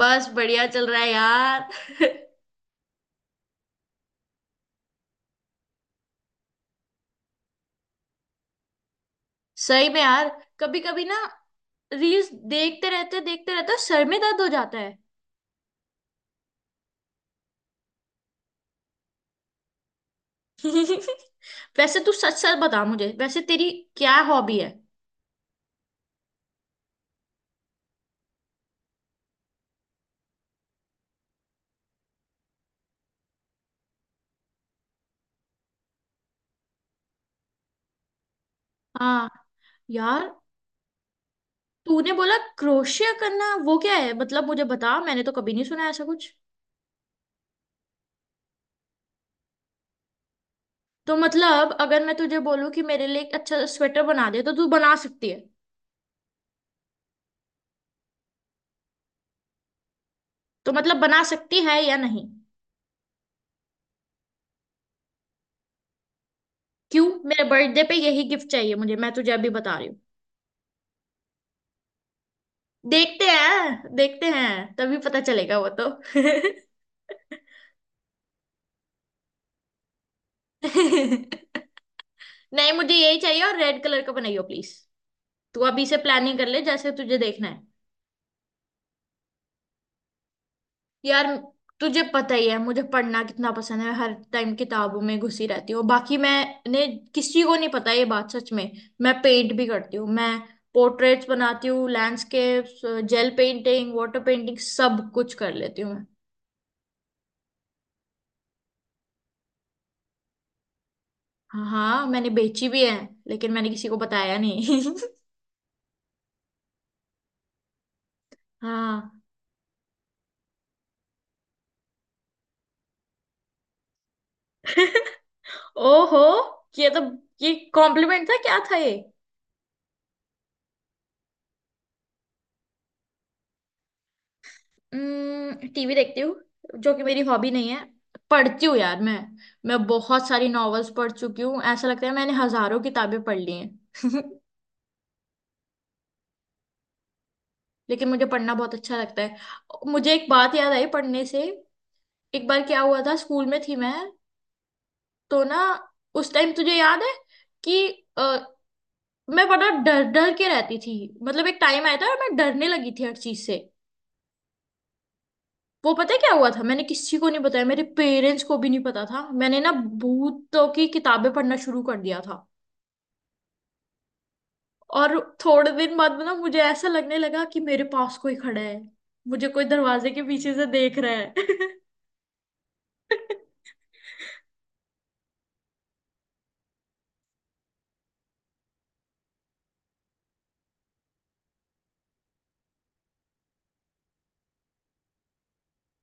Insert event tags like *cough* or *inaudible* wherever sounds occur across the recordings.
बस बढ़िया चल रहा है यार। *laughs* सही में यार। कभी कभी ना रील्स देखते रहते सर में दर्द हो जाता है। *laughs* वैसे तू सच सच बता मुझे, वैसे तेरी क्या हॉबी है? हाँ यार, तूने बोला क्रोशिया करना, वो क्या है? मतलब मुझे बता, मैंने तो कभी नहीं सुना ऐसा कुछ। तो मतलब अगर मैं तुझे बोलूं कि मेरे लिए एक अच्छा स्वेटर बना दे, तो तू बना सकती है? तो मतलब बना सकती है या नहीं? क्यों, मेरे बर्थडे पे यही गिफ्ट चाहिए मुझे, मैं तुझे अभी बता रही। देखते हैं देखते हैं, तभी पता चलेगा वो तो। *laughs* नहीं, मुझे यही चाहिए, और रेड कलर का बनाइयो प्लीज। तू अभी से प्लानिंग कर ले, जैसे तुझे देखना है। यार, तुझे पता ही है मुझे पढ़ना कितना पसंद है, हर टाइम किताबों में घुसी रहती हूँ। बाकी मैंने किसी को नहीं पता ये बात, सच में। मैं पेंट भी करती हूँ। मैं पोर्ट्रेट्स बनाती हूँ, landscapes, gel painting, water painting, सब कुछ कर लेती हूँ मैं। हाँ मैंने बेची भी है, लेकिन मैंने किसी को बताया नहीं। *laughs* हाँ। *laughs* ओहो, ये तो, ये कॉम्प्लीमेंट था क्या था ये? टीवी देखती हूँ, जो कि मेरी हॉबी नहीं है। पढ़ती हूँ यार मैं। मैं बहुत सारी नॉवेल्स पढ़ चुकी हूँ, ऐसा लगता है मैंने हजारों किताबें पढ़ ली हैं। *laughs* लेकिन मुझे पढ़ना बहुत अच्छा लगता है। मुझे एक बात याद आई पढ़ने से। एक बार क्या हुआ था, स्कूल में थी मैं। तो ना उस टाइम तुझे याद है कि अ, मैं बड़ा डर डर के रहती थी। मतलब एक टाइम आया था और मैं डरने लगी थी हर चीज से। वो पता है क्या हुआ था? मैंने किसी को नहीं बताया, मेरे पेरेंट्स को भी नहीं पता था। मैंने ना भूतों की किताबें पढ़ना शुरू कर दिया था। और थोड़े दिन बाद में ना मुझे ऐसा लगने लगा कि मेरे पास कोई खड़ा है, मुझे कोई दरवाजे के पीछे से देख रहा है। *laughs*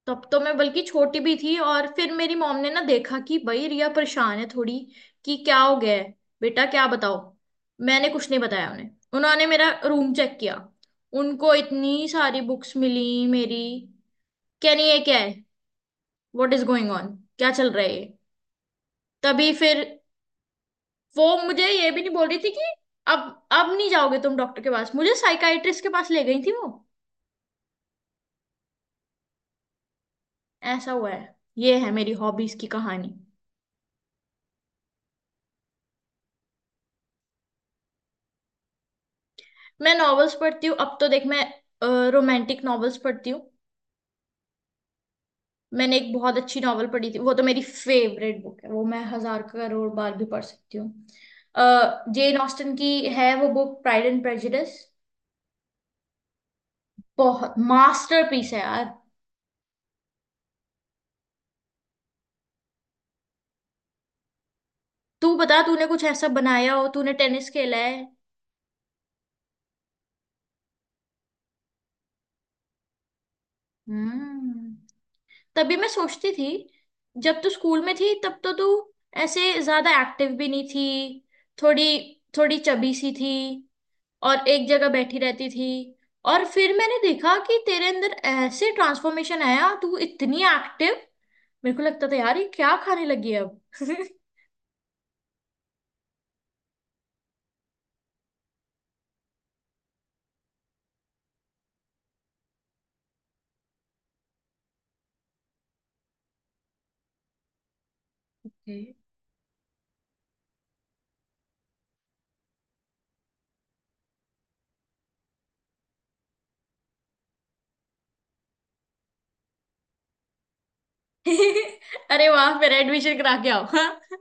तब तो मैं बल्कि छोटी भी थी। और फिर मेरी मॉम ने ना देखा कि भाई रिया परेशान है थोड़ी, कि क्या हो गया है बेटा, क्या बताओ। मैंने कुछ नहीं बताया उन्हें। उन्होंने मेरा रूम चेक किया, उनको इतनी सारी बुक्स मिली मेरी। क्या नहीं, ये क्या है, व्हाट इज गोइंग ऑन, क्या चल रहा है ये? तभी फिर वो मुझे ये भी नहीं बोल रही थी कि अब अब नहीं जाओगे तुम डॉक्टर के पास, मुझे साइकाइट्रिस्ट के पास ले गई थी वो। ऐसा हुआ है, ये है मेरी हॉबीज की कहानी। मैं नॉवेल्स पढ़ती हूँ, अब तो देख मैं रोमांटिक नॉवेल्स पढ़ती हूँ। मैंने एक बहुत अच्छी नॉवल पढ़ी थी, वो तो मेरी फेवरेट बुक है, वो मैं हजार करोड़ बार भी पढ़ सकती हूँ। जेन ऑस्टन की है वो बुक, प्राइड एंड प्रेजुडिस। बहुत मास्टरपीस है यार। तू बता, तूने कुछ ऐसा बनाया हो, तूने टेनिस खेला है। हम्म, तभी मैं सोचती थी, जब तू स्कूल में थी तब तो तू ऐसे ज्यादा एक्टिव भी नहीं थी, थोड़ी थोड़ी चबी सी थी, और एक जगह बैठी रहती थी। और फिर मैंने देखा कि तेरे अंदर ऐसे ट्रांसफॉर्मेशन आया, तू इतनी एक्टिव। मेरे को लगता था यार ये क्या खाने लगी है अब। *laughs* ओके। अरे वाह, मेरा एडमिशन करा के आओ हाँ?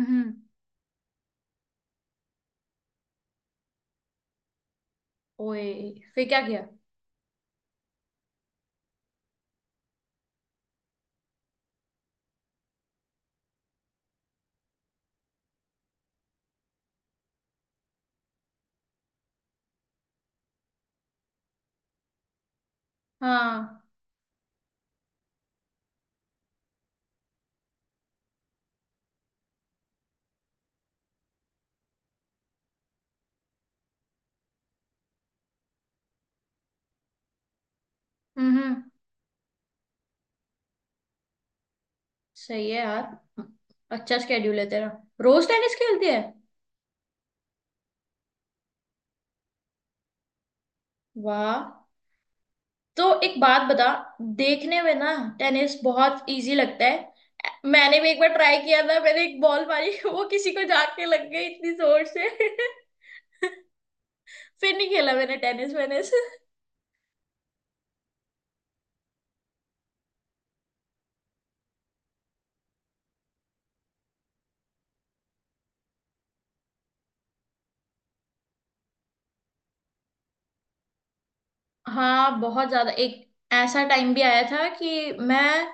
हम्म। ओए, फिर क्या किया? हाँ। हम्म। सही है यार, अच्छा स्केड्यूल है तेरा। रोज टेनिस खेलती है। वाह। तो एक बात बता, देखने में ना टेनिस बहुत इजी लगता है। मैंने भी एक बार ट्राई किया था, मैंने एक बॉल मारी *laughs* वो किसी को जाके लग गई इतनी जोर से। *laughs* फिर नहीं खेला मैंने टेनिस वेनिस। हाँ बहुत ज्यादा। एक ऐसा टाइम भी आया था कि मैं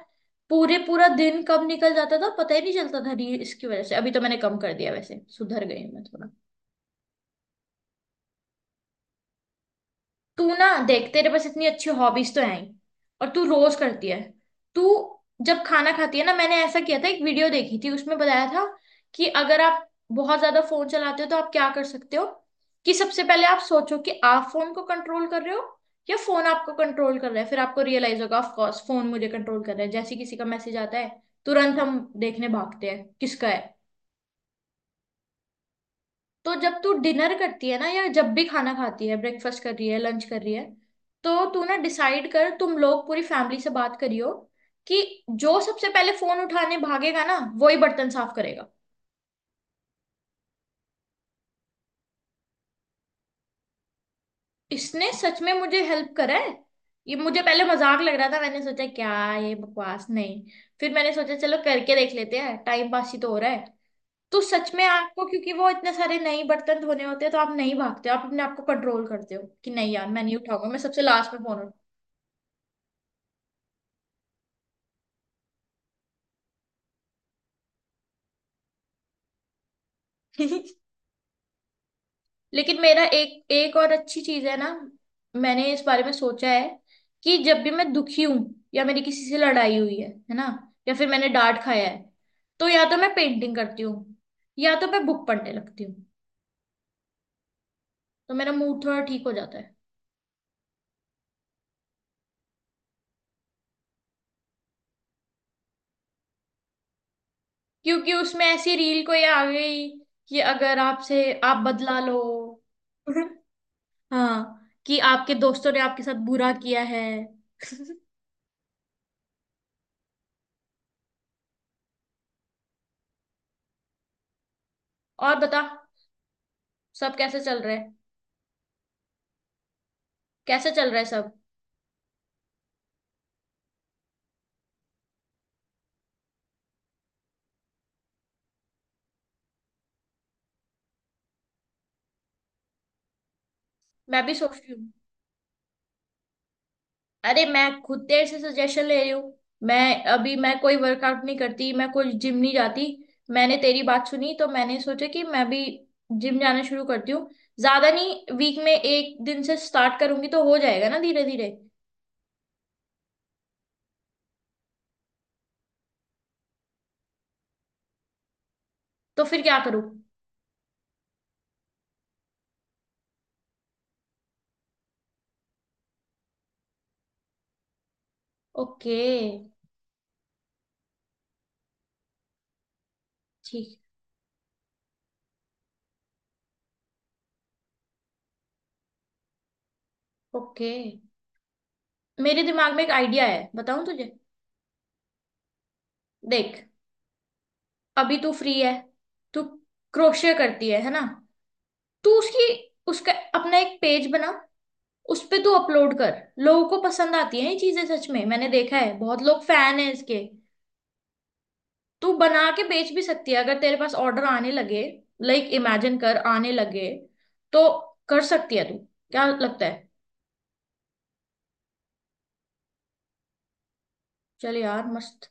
पूरे पूरा दिन कब निकल जाता था पता ही नहीं चलता था रील्स की वजह से। अभी तो मैंने कम कर दिया, वैसे सुधर गई हूँ मैं थोड़ा। तू ना देख, तेरे पास इतनी अच्छी हॉबीज तो हैं ही, और तू रोज करती है। तू जब खाना खाती है ना, मैंने ऐसा किया था, एक वीडियो देखी थी, उसमें बताया था कि अगर आप बहुत ज्यादा फोन चलाते हो तो आप क्या कर सकते हो, कि सबसे पहले आप सोचो कि आप फोन को कंट्रोल कर रहे हो या फोन आपको कंट्रोल कर रहा है। फिर आपको रियलाइज होगा, ऑफ कोर्स फोन मुझे कंट्रोल कर रहा है, जैसे किसी का मैसेज आता है तुरंत हम देखने भागते हैं किसका है। तो जब तू डिनर करती है ना, या जब भी खाना खाती है, ब्रेकफास्ट कर रही है, लंच कर रही है, तो तू ना डिसाइड कर, तुम लोग पूरी फैमिली से बात करियो कि जो सबसे पहले फोन उठाने भागेगा ना, वो ही बर्तन साफ करेगा। इसने सच में मुझे हेल्प करा है। ये मुझे पहले मजाक लग रहा था, मैंने सोचा क्या ये बकवास नहीं। फिर मैंने सोचा चलो करके देख लेते हैं, टाइम पास ही तो हो रहा है। तो सच में आपको, क्योंकि वो इतने सारे नए बर्तन धोने होते हैं, तो आप नहीं भागते हो, आप अपने आप को कंट्रोल करते हो कि नहीं यार मैं नहीं उठाऊंगा, मैं सबसे लास्ट में फोन उठा। *laughs* लेकिन मेरा एक एक और अच्छी चीज है ना, मैंने इस बारे में सोचा है कि जब भी मैं दुखी हूं, या मेरी किसी से लड़ाई हुई है ना, या फिर मैंने डांट खाया है, तो या तो मैं पेंटिंग करती हूँ या तो मैं बुक पढ़ने लगती हूँ, तो मेरा मूड थोड़ा ठीक हो जाता है। क्योंकि उसमें ऐसी रील कोई आ गई कि अगर आपसे आप बदला लो। *laughs* हाँ, कि आपके दोस्तों ने आपके साथ बुरा किया है। *laughs* और बता, सब कैसे चल रहा है? कैसे चल रहा है सब? मैं भी सोच रही हूँ। अरे मैं खुद तेरे से सजेशन ले रही हूँ। मैं अभी मैं कोई वर्कआउट नहीं करती, मैं कोई जिम नहीं जाती। मैंने तेरी बात सुनी, तो मैंने सोचा कि मैं भी जिम जाना शुरू करती हूँ। ज्यादा नहीं, वीक में एक दिन से स्टार्ट करूंगी, तो हो जाएगा ना धीरे धीरे। तो फिर क्या करूँ? ओके। ठीक। ओके, मेरे दिमाग में एक आइडिया है, बताऊं तुझे? देख, अभी तू फ्री है, तू क्रोशे करती है ना, तू उसकी, उसका अपना एक पेज बना, उस पे तू अपलोड कर। लोगों को पसंद आती है ये चीजें, सच में मैंने देखा है बहुत लोग फैन है इसके। तू बना के बेच भी सकती है, अगर तेरे पास ऑर्डर आने लगे, लाइक इमेजिन कर आने लगे, तो कर सकती है तू। क्या लगता है? चल यार मस्त।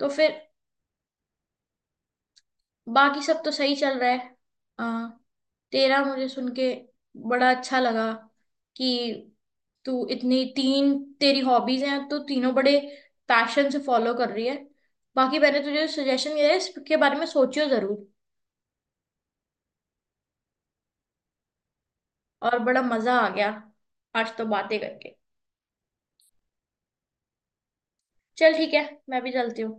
तो फिर बाकी सब तो सही चल रहा है। आ, तेरा मुझे सुन के बड़ा अच्छा लगा कि तू इतनी तीन, तेरी हॉबीज हैं तो तीनों बड़े पैशन से फॉलो कर रही है। बाकी मैंने तुझे सजेशन दिया है, इसके बारे में सोचियो जरूर। और बड़ा मजा आ गया आज तो बातें करके। चल ठीक है, मैं भी चलती हूँ।